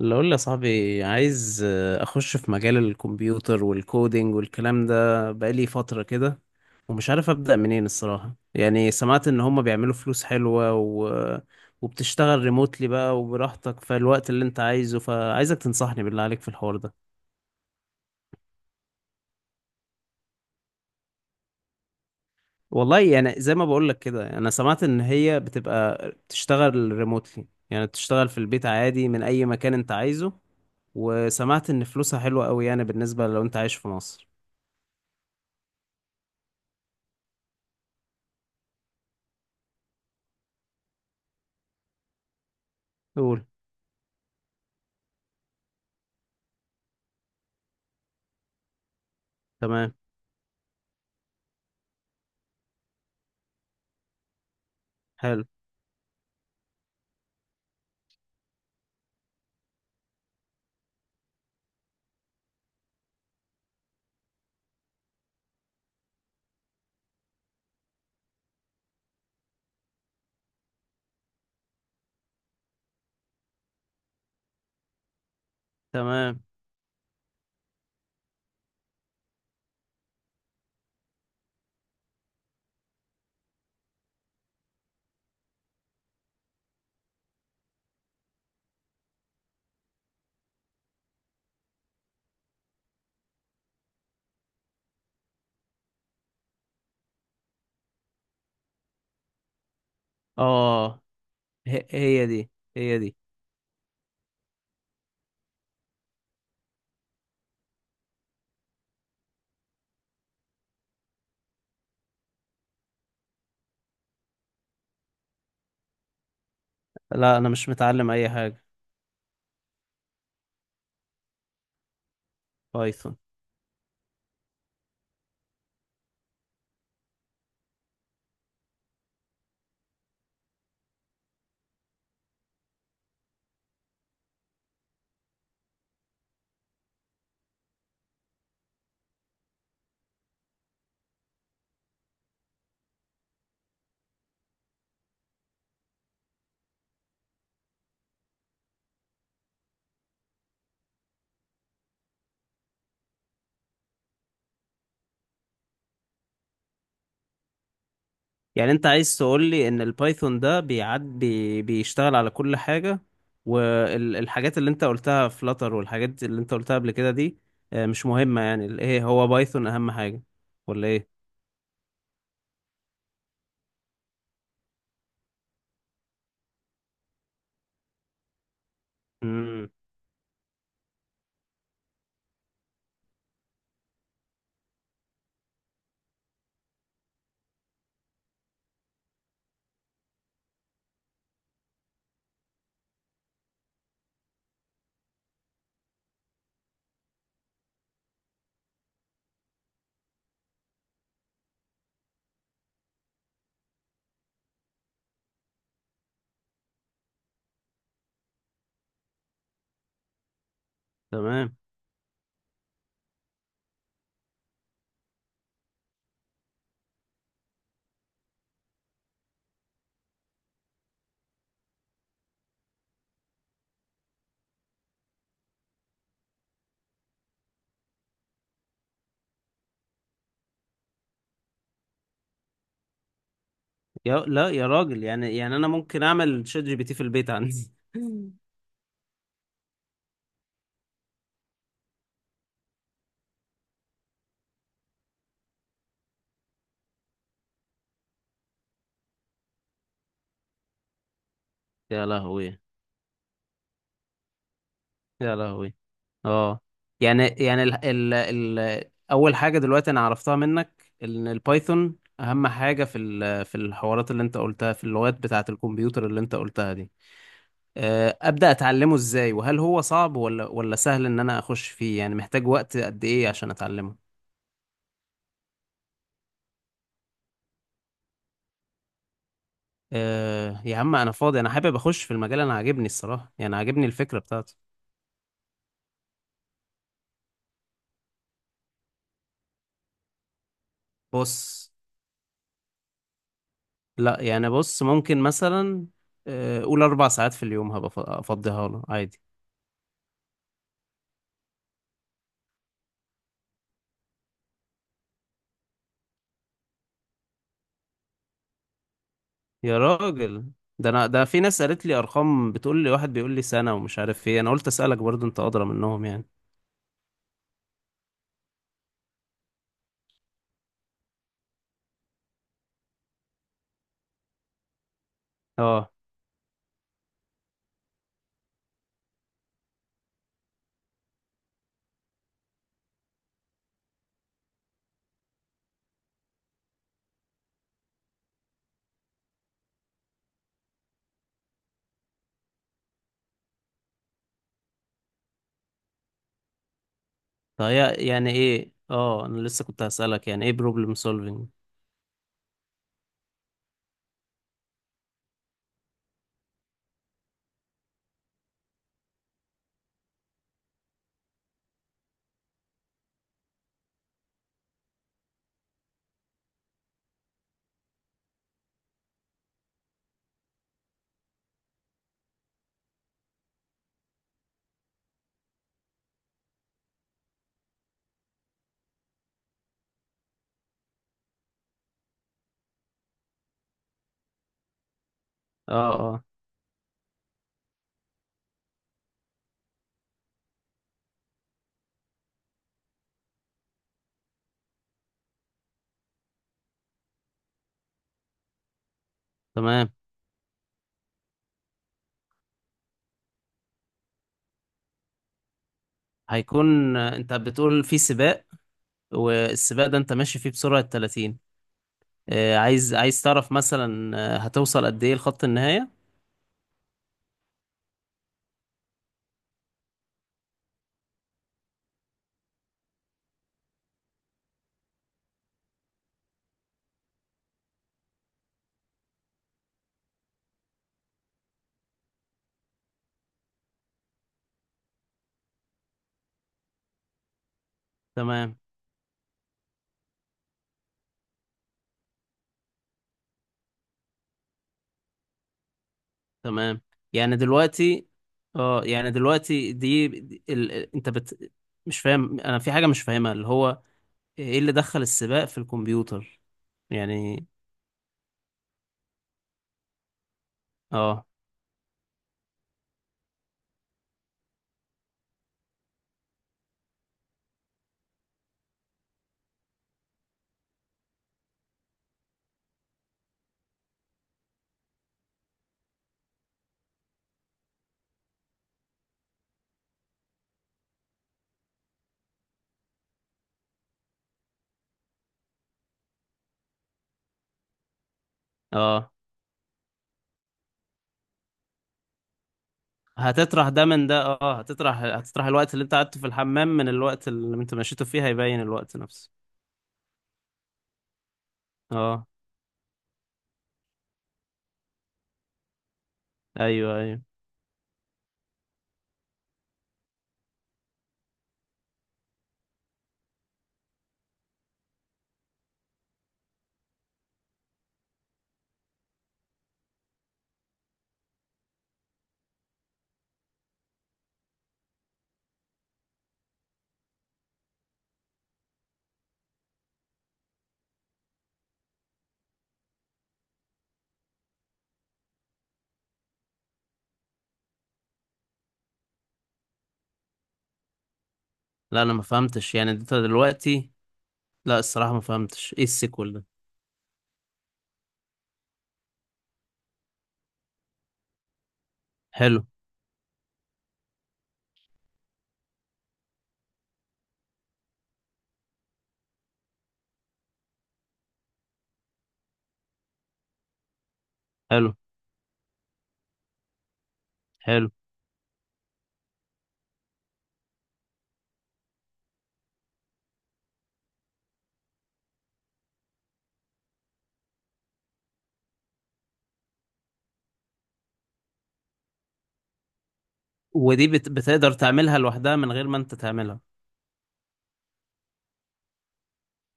اللي اقول يا صاحبي عايز اخش في مجال الكمبيوتر والكودينج والكلام ده بقالي فترة كده، ومش عارف ابدأ منين الصراحة. يعني سمعت ان هما بيعملوا فلوس حلوة و... وبتشتغل ريموتلي بقى وبراحتك في الوقت اللي انت عايزه، فعايزك تنصحني بالله عليك في الحوار ده. والله يعني زي ما بقولك كده انا سمعت ان هي بتبقى بتشتغل ريموتلي، يعني بتشتغل في البيت عادي من اي مكان انت عايزه. وسمعت ان فلوسها حلوة قوي يعني بالنسبة لو انت عايش في مصر. قول. تمام. حلو. تمام. اه، هي دي. هي دي. لا انا مش متعلم اي حاجة. بايثون. يعني انت عايز تقول لي ان البايثون ده بيشتغل على كل حاجة، والحاجات اللي انت قلتها فلاتر والحاجات اللي انت قلتها قبل كده دي مش مهمة؟ يعني ايه هو بايثون اهم حاجة ولا ايه؟ امم. تمام. يا لا يا راجل، يعني انا ممكن اعمل شات جي بي تي في البيت عندي؟ يا لهوي. يا لهوي. اه. يعني يعني ال ال ال اول حاجه دلوقتي انا عرفتها منك ان البايثون اهم حاجه في في الحوارات اللي انت قلتها، في اللغات بتاعه الكمبيوتر اللي انت قلتها دي. ابدا اتعلمه ازاي؟ وهل هو صعب ولا سهل ان انا اخش فيه؟ يعني محتاج وقت قد ايه عشان اتعلمه؟ أه يا عم انا فاضي، انا حابب اخش في المجال، انا عاجبني الصراحه يعني عاجبني الفكره بتاعته. بص. لا يعني بص، ممكن مثلا قول اربع ساعات في اليوم هبقى افضيها له عادي. يا راجل، ده انا ده في ناس قالت لي ارقام، بتقول لي واحد بيقول لي سنة ومش عارف ايه، انا قلت اسالك برضو انت ادرى منهم يعني. اه. فهي يعني ايه؟ اه انا لسه كنت هسالك يعني ايه بروبلم سولفينج. اه. اه. تمام. هيكون انت بتقول في سباق، والسباق ده انت ماشي فيه بسرعة 30، عايز تعرف مثلا هتوصل قد ايه لخط النهاية. تمام. تمام. يعني دلوقتي. اه يعني دلوقتي انت بت. مش فاهم، انا في حاجة مش فاهمها، اللي هو ايه اللي دخل السباق في الكمبيوتر يعني؟ اه. اه هتطرح ده من ده. اه هتطرح الوقت اللي انت قعدته في الحمام من الوقت اللي انت مشيته فيه، هيبين الوقت نفسه. اه. ايوه ايوه. لا انا ما فهمتش يعني انت دلوقتي. لا الصراحة ما فهمتش ايه السيكول ده. حلو. حلو. حلو. ودي بتقدر تعملها لوحدها من غير ما انت تعملها؟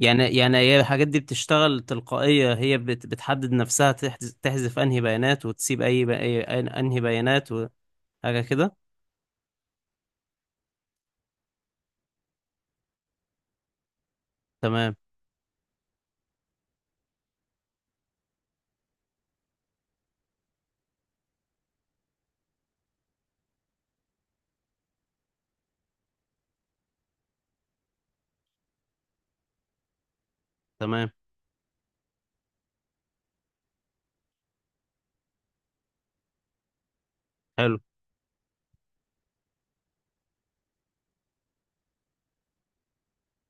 يعني يعني هي الحاجات دي بتشتغل تلقائية، هي بتحدد نفسها، تحذف انهي بيانات وتسيب انهي بيانات؟ وحاجة كده. تمام. تمام. حلو.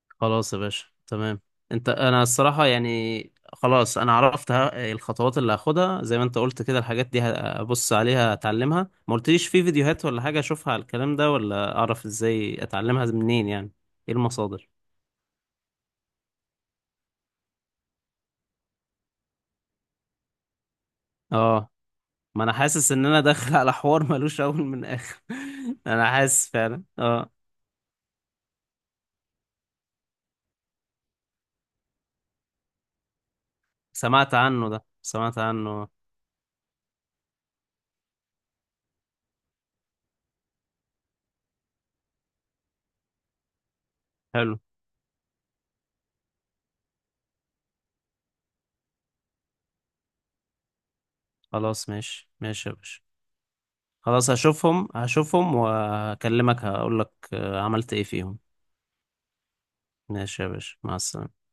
خلاص يا باشا، تمام. انت انا الصراحة يعني خلاص انا عرفت الخطوات اللي هاخدها زي ما انت قلت كده، الحاجات دي هبص عليها اتعلمها. ما قلتليش في فيديوهات ولا حاجة اشوفها على الكلام ده، ولا اعرف ازاي اتعلمها منين يعني؟ ايه المصادر؟ اه ما انا حاسس ان انا داخل على حوار ملوش اول من اخر. انا حاسس فعلا اه. سمعت عنه ده، سمعت عنه آه. حلو. خلاص ماشي ماشي يا باشا. خلاص هشوفهم، هشوفهم وهكلمك هقول لك عملت ايه فيهم. ماشي يا باشا مع السلامة.